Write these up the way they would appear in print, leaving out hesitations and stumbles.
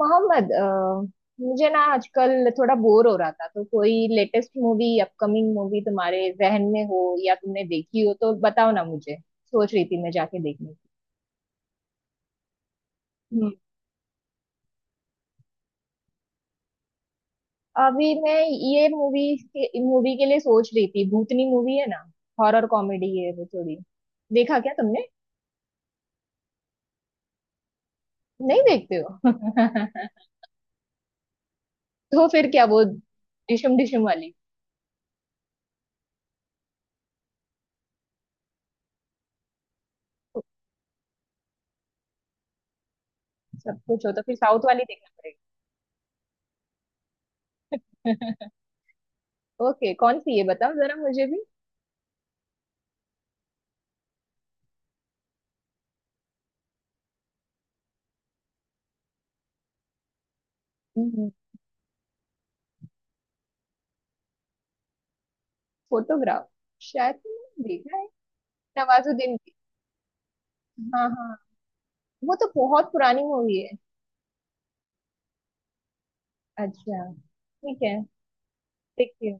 मोहम्मद मुझे ना आजकल थोड़ा बोर हो रहा था तो कोई लेटेस्ट मूवी अपकमिंग मूवी तुम्हारे जहन में हो या तुमने देखी हो तो बताओ ना। मुझे सोच रही थी मैं जाके देखने की। हम्म। अभी मैं ये मूवी के लिए सोच रही थी। भूतनी मूवी है ना, हॉरर कॉमेडी है वो थोड़ी। देखा क्या तुमने? नहीं देखते हो तो फिर क्या वो डिशम डिशम वाली? सब कुछ हो तो फिर साउथ वाली देखना पड़ेगा। ओके कौन सी है बताओ जरा मुझे भी। फोटोग्राफ शायद तुमने देखा है, नवाजुद्दीन की। हाँ हाँ, वो तो बहुत पुरानी मूवी है। अच्छा ठीक है, देखती हूँ।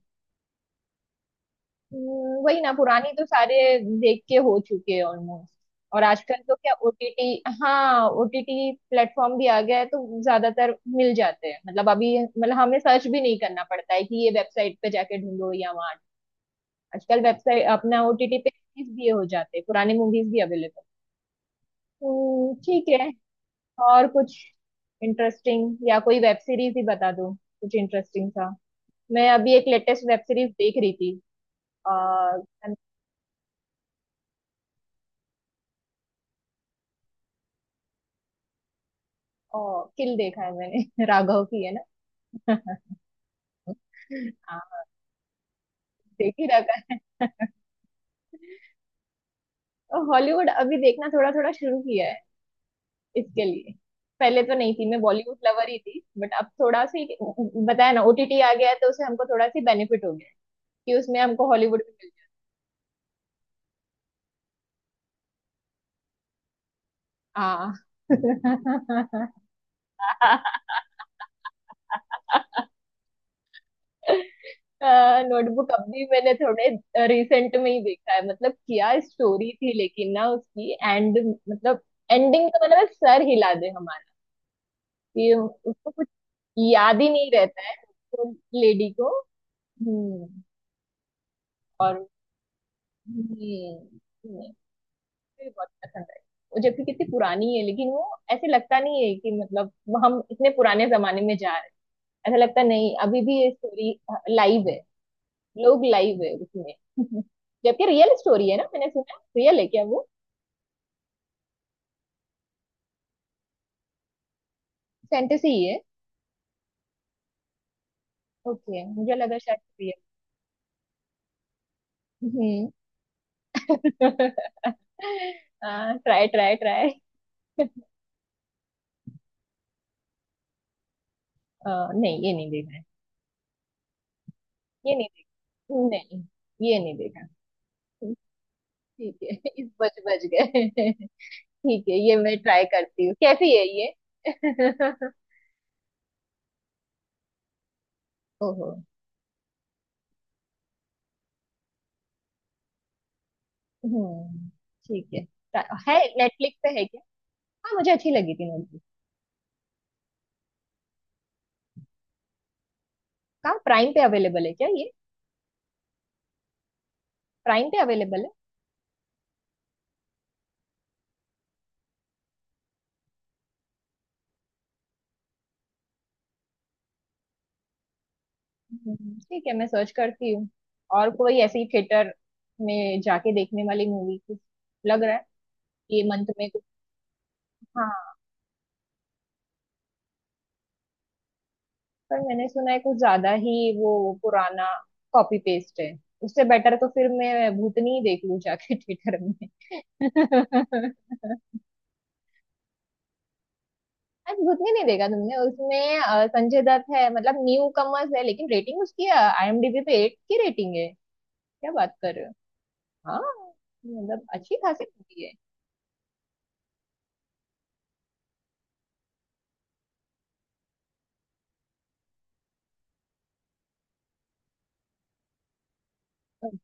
वही ना, पुरानी तो सारे देख के हो चुके हैं ऑलमोस्ट। और आजकल तो क्या ओटीटी, हाँ ओटीटी प्लेटफॉर्म भी आ गया है तो ज्यादातर मिल जाते हैं। मतलब अभी मतलब हमें सर्च भी नहीं करना पड़ता है कि ये वेबसाइट पे जाके ढूंढो या वहाँ। आजकल वेबसाइट अपना ओटीटी पे release भी हो जाते हैं, पुराने मूवीज भी अवेलेबल। ठीक है। और कुछ इंटरेस्टिंग या कोई वेब सीरीज ही बता दो कुछ इंटरेस्टिंग सा। मैं अभी एक लेटेस्ट वेब सीरीज देख रही थी। आ, ओ, किल देखा है मैंने राघव की है ना। हाँ, देख ही रखा है। हॉलीवुड अभी देखना थोड़ा थोड़ा शुरू किया है इसके लिए। पहले तो नहीं थी, मैं बॉलीवुड लवर ही थी, बट अब थोड़ा सी बताया ना ओटीटी आ गया है तो उसे हमको थोड़ा सी बेनिफिट हो गया है कि उसमें हमको हॉलीवुड भी मिल जाए। हाँ। नोटबुक अब भी मैंने थोड़े रिसेंट में ही देखा है। मतलब क्या स्टोरी थी लेकिन ना उसकी एंड, मतलब एंडिंग तो मतलब सर हिला दे हमारा कि उसको कुछ याद ही नहीं रहता है, उसको लेडी को। हम्म। और हम्म, मुझे बहुत पसंद आई वो। जबकि कितनी पुरानी है लेकिन वो ऐसे लगता नहीं है कि मतलब हम इतने पुराने जमाने में जा रहे हैं। ऐसा लगता नहीं, अभी भी ये स्टोरी लाइव है, लोग लाइव है उसमें। जबकि रियल स्टोरी है ना, मैंने सुना। रियल है क्या वो? फैंटेसी ही है। ओके मुझे लगा शायद रियल। हम्म। Try try try. नहीं ये नहीं देखा है। ये नहीं देखा नहीं, ये नहीं देखा। ठीक है इस बच बच गए ठीक है, ये मैं ट्राई करती हूँ, कैसी है ये। ओहो। हम्म ठीक है। ता- है, नेटफ्लिक्स पे है क्या? हाँ मुझे अच्छी लगी थी। नेटफ्लिक्स कहाँ, प्राइम पे अवेलेबल है क्या ये? प्राइम पे अवेलेबल है। ठीक है मैं सर्च करती हूँ। और कोई ऐसी थिएटर में जाके देखने वाली मूवी कुछ लग रहा है ये मंथ में कुछ? हाँ। पर मैंने सुना है कुछ ज्यादा ही वो पुराना कॉपी पेस्ट है। उससे बेटर तो फिर मैं भूतनी ही देख लूँ जाके थिएटर में। आज भूतनी नहीं देखा तुमने? उसमें संजय दत्त है। मतलब न्यू कमर्स है लेकिन रेटिंग उसकी आईएमडीबी पे एट की रेटिंग है। क्या बात कर रहे हो। हाँ मतलब अच्छी खासी मूवी है।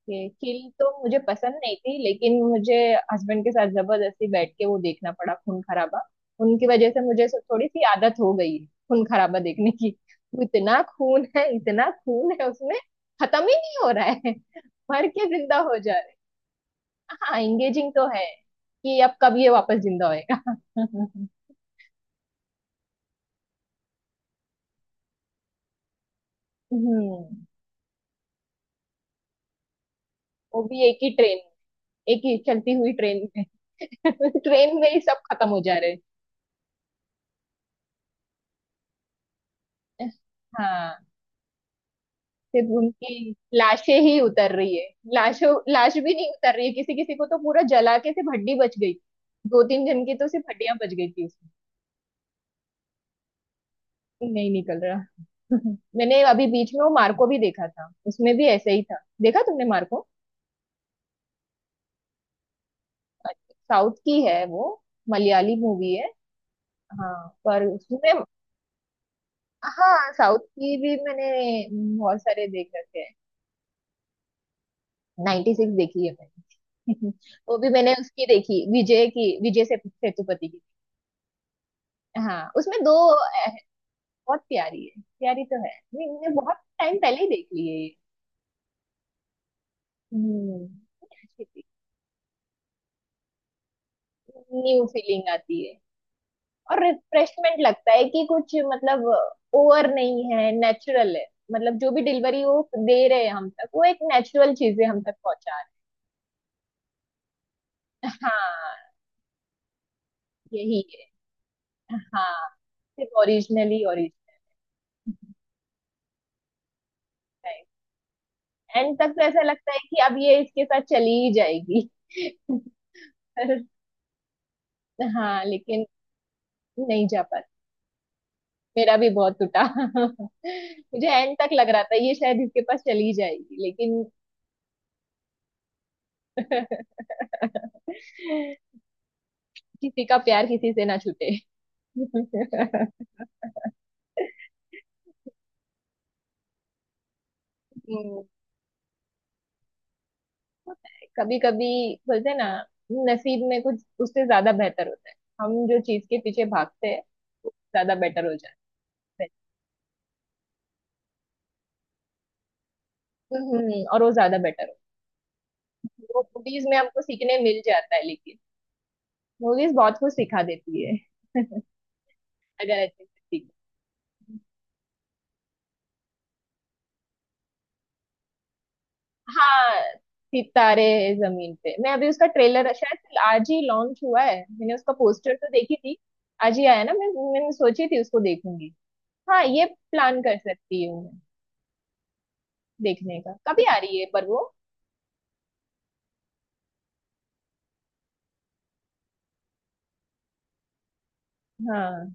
ये किल तो मुझे पसंद नहीं थी लेकिन मुझे हस्बैंड के साथ जबरदस्ती बैठ के वो देखना पड़ा, खून खराबा। उनकी वजह से मुझे सो- थोड़ी सी आदत हो गई है खून खराबा देखने की। वो इतना खून है, इतना खून है उसमें, खत्म ही नहीं हो रहा है। मर के जिंदा हो जा रहे हैं। हाँ एंगेजिंग तो है कि अब कब ये वापस जिंदा होएगा हम्म। वो भी एक ही ट्रेन, एक ही चलती हुई ट्रेन में। ट्रेन में ही सब खत्म हो जा रहे हैं। हाँ सिर्फ उनकी लाशें ही उतर रही है। लाशों, लाश भी नहीं उतर रही है, किसी किसी को तो पूरा जला के सिर्फ हड्डी बच गई। दो तीन जन की तो सिर्फ हड्डियां बच गई थी उसमें। नहीं निकल रहा मैंने अभी बीच में वो मार्को भी देखा था, उसमें भी ऐसे ही था। देखा तुमने मार्को? साउथ की है वो, मलयाली मूवी है। हाँ पर उसमें। हाँ साउथ की भी मैंने बहुत सारे देख रखे हैं। 96 देखी है मैंने वो भी मैंने उसकी देखी, विजय की, विजय से सेतुपति। हाँ उसमें दो बहुत प्यारी है, प्यारी तो है। मैं- मैंने बहुत टाइम पहले ही देख ली है ये। हम्म। न्यू फीलिंग आती है। और रिफ्रेशमेंट लगता है कि कुछ मतलब ओवर नहीं है, नेचुरल है। मतलब जो भी डिलीवरी वो दे रहे हैं हम तक, वो एक नेचुरल चीजें हम तक पहुंचा रहे हैं। हाँ यही है। हाँ सिर्फ ओरिजिनली ओरिजिनल। एंड तक तो ऐसा लगता है कि अब ये इसके साथ चली ही जाएगी पर हाँ, लेकिन नहीं जा पाती। मेरा भी बहुत टूटा मुझे एंड तक लग रहा था ये शायद इसके पास चली जाएगी लेकिन। किसी का प्यार किसी से ना छूटे। कभी कभी बोलते हैं ना, नसीब में कुछ उससे ज्यादा बेहतर होता है। हम जो चीज के पीछे भागते हैं वो ज्यादा बेटर हो जाता है। और वो ज्यादा बेटर हो। वो मूवीज में हमको सीखने मिल जाता है लेकिन, मूवीज बहुत कुछ सिखा देती है अगर अच्छे से सीखे। हाँ। सितारे जमीन पे, मैं अभी उसका ट्रेलर शायद आज ही लॉन्च हुआ है, मैंने उसका पोस्टर तो देखी थी। आज ही आया ना। मैं मैंने सोची थी उसको देखूंगी। हाँ ये प्लान कर सकती हूँ मैं देखने का, कभी आ रही है पर वो। हाँ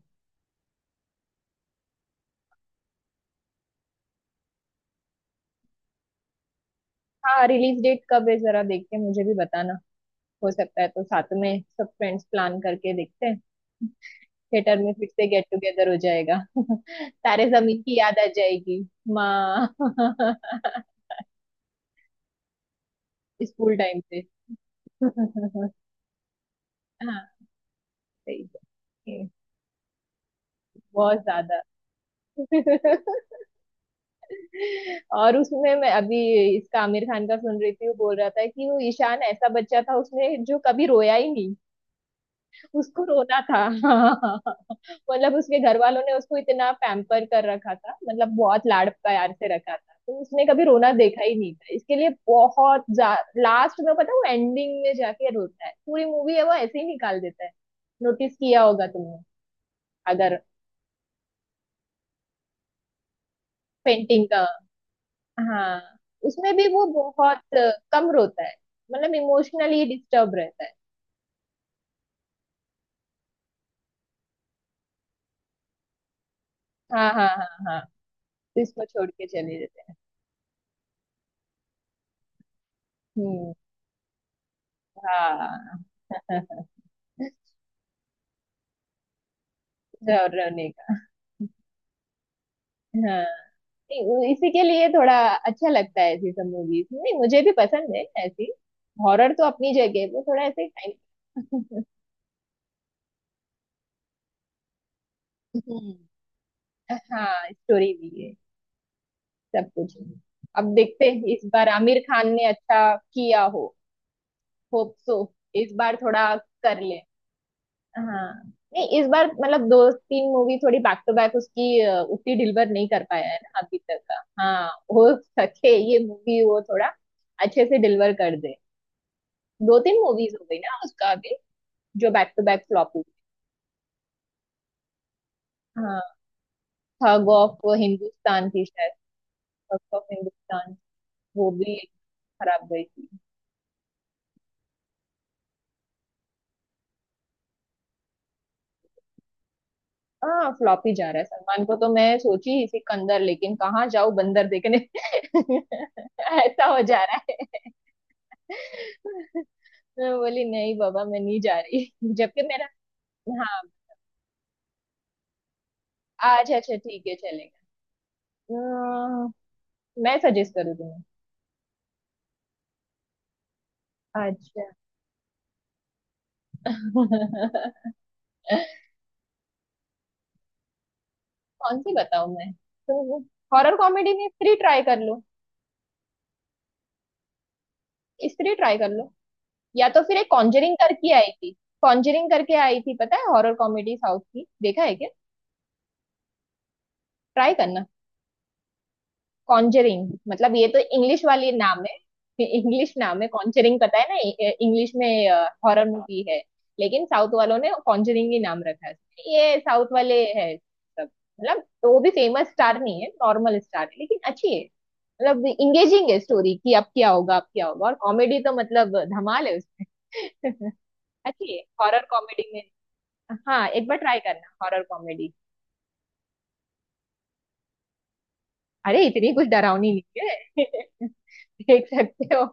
हाँ। रिलीज डेट कब है जरा देख के मुझे भी बताना। हो सकता है तो साथ में सब फ्रेंड्स प्लान करके देखते हैं। थिएटर में फिर से गेट टुगेदर हो जाएगा तारे जमीन की याद आ जाएगी माँ स्कूल टाइम से हाँ सही है, बहुत ज्यादा और उसमें मैं अभी इसका आमिर खान का सुन रही थी, वो बोल रहा था कि वो ईशान ऐसा बच्चा था उसने जो कभी रोया ही नहीं, उसको रोना था मतलब उसके घर वालों ने उसको इतना पैम्पर कर रखा था, मतलब बहुत लाड प्यार से रखा था तो उसने कभी रोना देखा ही नहीं था इसके लिए बहुत। लास्ट में पता है वो एंडिंग में जाके रोता है, पूरी मूवी है वो ऐसे ही निकाल देता है। नोटिस किया होगा तुमने अगर। पेंटिंग का। हाँ उसमें भी वो बहुत कम रोता है, मतलब इमोशनली डिस्टर्ब रहता है। हाँ हाँ हाँ हाँ, तो इसको छोड़ के चले जाते हैं। हम्म। हाँ और रोने का। हाँ। नहीं, इसी के लिए थोड़ा अच्छा लगता है ऐसी सब मूवीज। नहीं मुझे भी पसंद है ऐसी। हॉरर तो अपनी जगह है, वो थोड़ा ऐसे टाइम। हम्म। हाँ स्टोरी भी है, सब कुछ है। अब देखते हैं इस बार आमिर खान ने अच्छा किया हो। Hope so. इस बार थोड़ा कर ले। हाँ नहीं इस बार मतलब दो तीन मूवी थोड़ी बैक टू बैक उसकी उतनी डिलीवर नहीं कर पाया है ना अभी तक का, हाँ। हो सके ये मूवी वो थोड़ा अच्छे से डिलीवर कर दे। दो तीन मूवीज हो गई ना उसका अभी जो बैक टू बैक फ्लॉप हुई। हाँ थग ऑफ हिंदुस्तान थी शायद। थग ऑफ हिंदुस्तान वो भी खराब गई थी। हाँ फ्लॉप ही जा रहा है, सलमान को तो मैं सोची इसी कंदर लेकिन कहाँ जाऊँ बंदर देखने ऐसा हो जा रहा है। मैं बोली नहीं बाबा मैं नहीं जा रही जबकि मेरा। हाँ। आज अच्छा ठीक है चलेगा। अम्म, मैं सजेस्ट करूँ तुम्हें? अच्छा कौन सी बताऊँ मैं तुम हॉरर कॉमेडी में स्त्री ट्राई कर लो। स्त्री ट्राई कर लो, या तो फिर एक कॉन्जरिंग करके आई थी। कॉन्जरिंग करके आई थी पता है, हॉरर कॉमेडी साउथ की, देखा है क्या? ट्राई करना। कॉन्जरिंग मतलब ये तो इंग्लिश वाली नाम है, इंग्लिश नाम है कॉन्जरिंग पता है ना, इंग्लिश में हॉरर मूवी है, लेकिन साउथ वालों ने कॉन्जरिंग ही नाम रखा है, ये साउथ वाले है सब। मतलब तो वो भी फेमस स्टार नहीं है, नॉर्मल स्टार है, लेकिन अच्छी है, मतलब इंगेजिंग है स्टोरी कि अब क्या होगा अब क्या होगा, और कॉमेडी तो मतलब धमाल है उसमें अच्छी है हॉरर कॉमेडी में, हाँ एक बार ट्राई करना हॉरर कॉमेडी। अरे इतनी कुछ डरावनी नहीं है देख सकते हो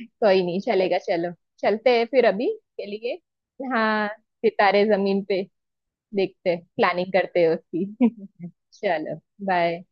कोई नहीं चलेगा, चलो चलते हैं फिर अभी के लिए। हाँ सितारे जमीन पे देखते, प्लानिंग करते हैं उसकी। चलो बाय।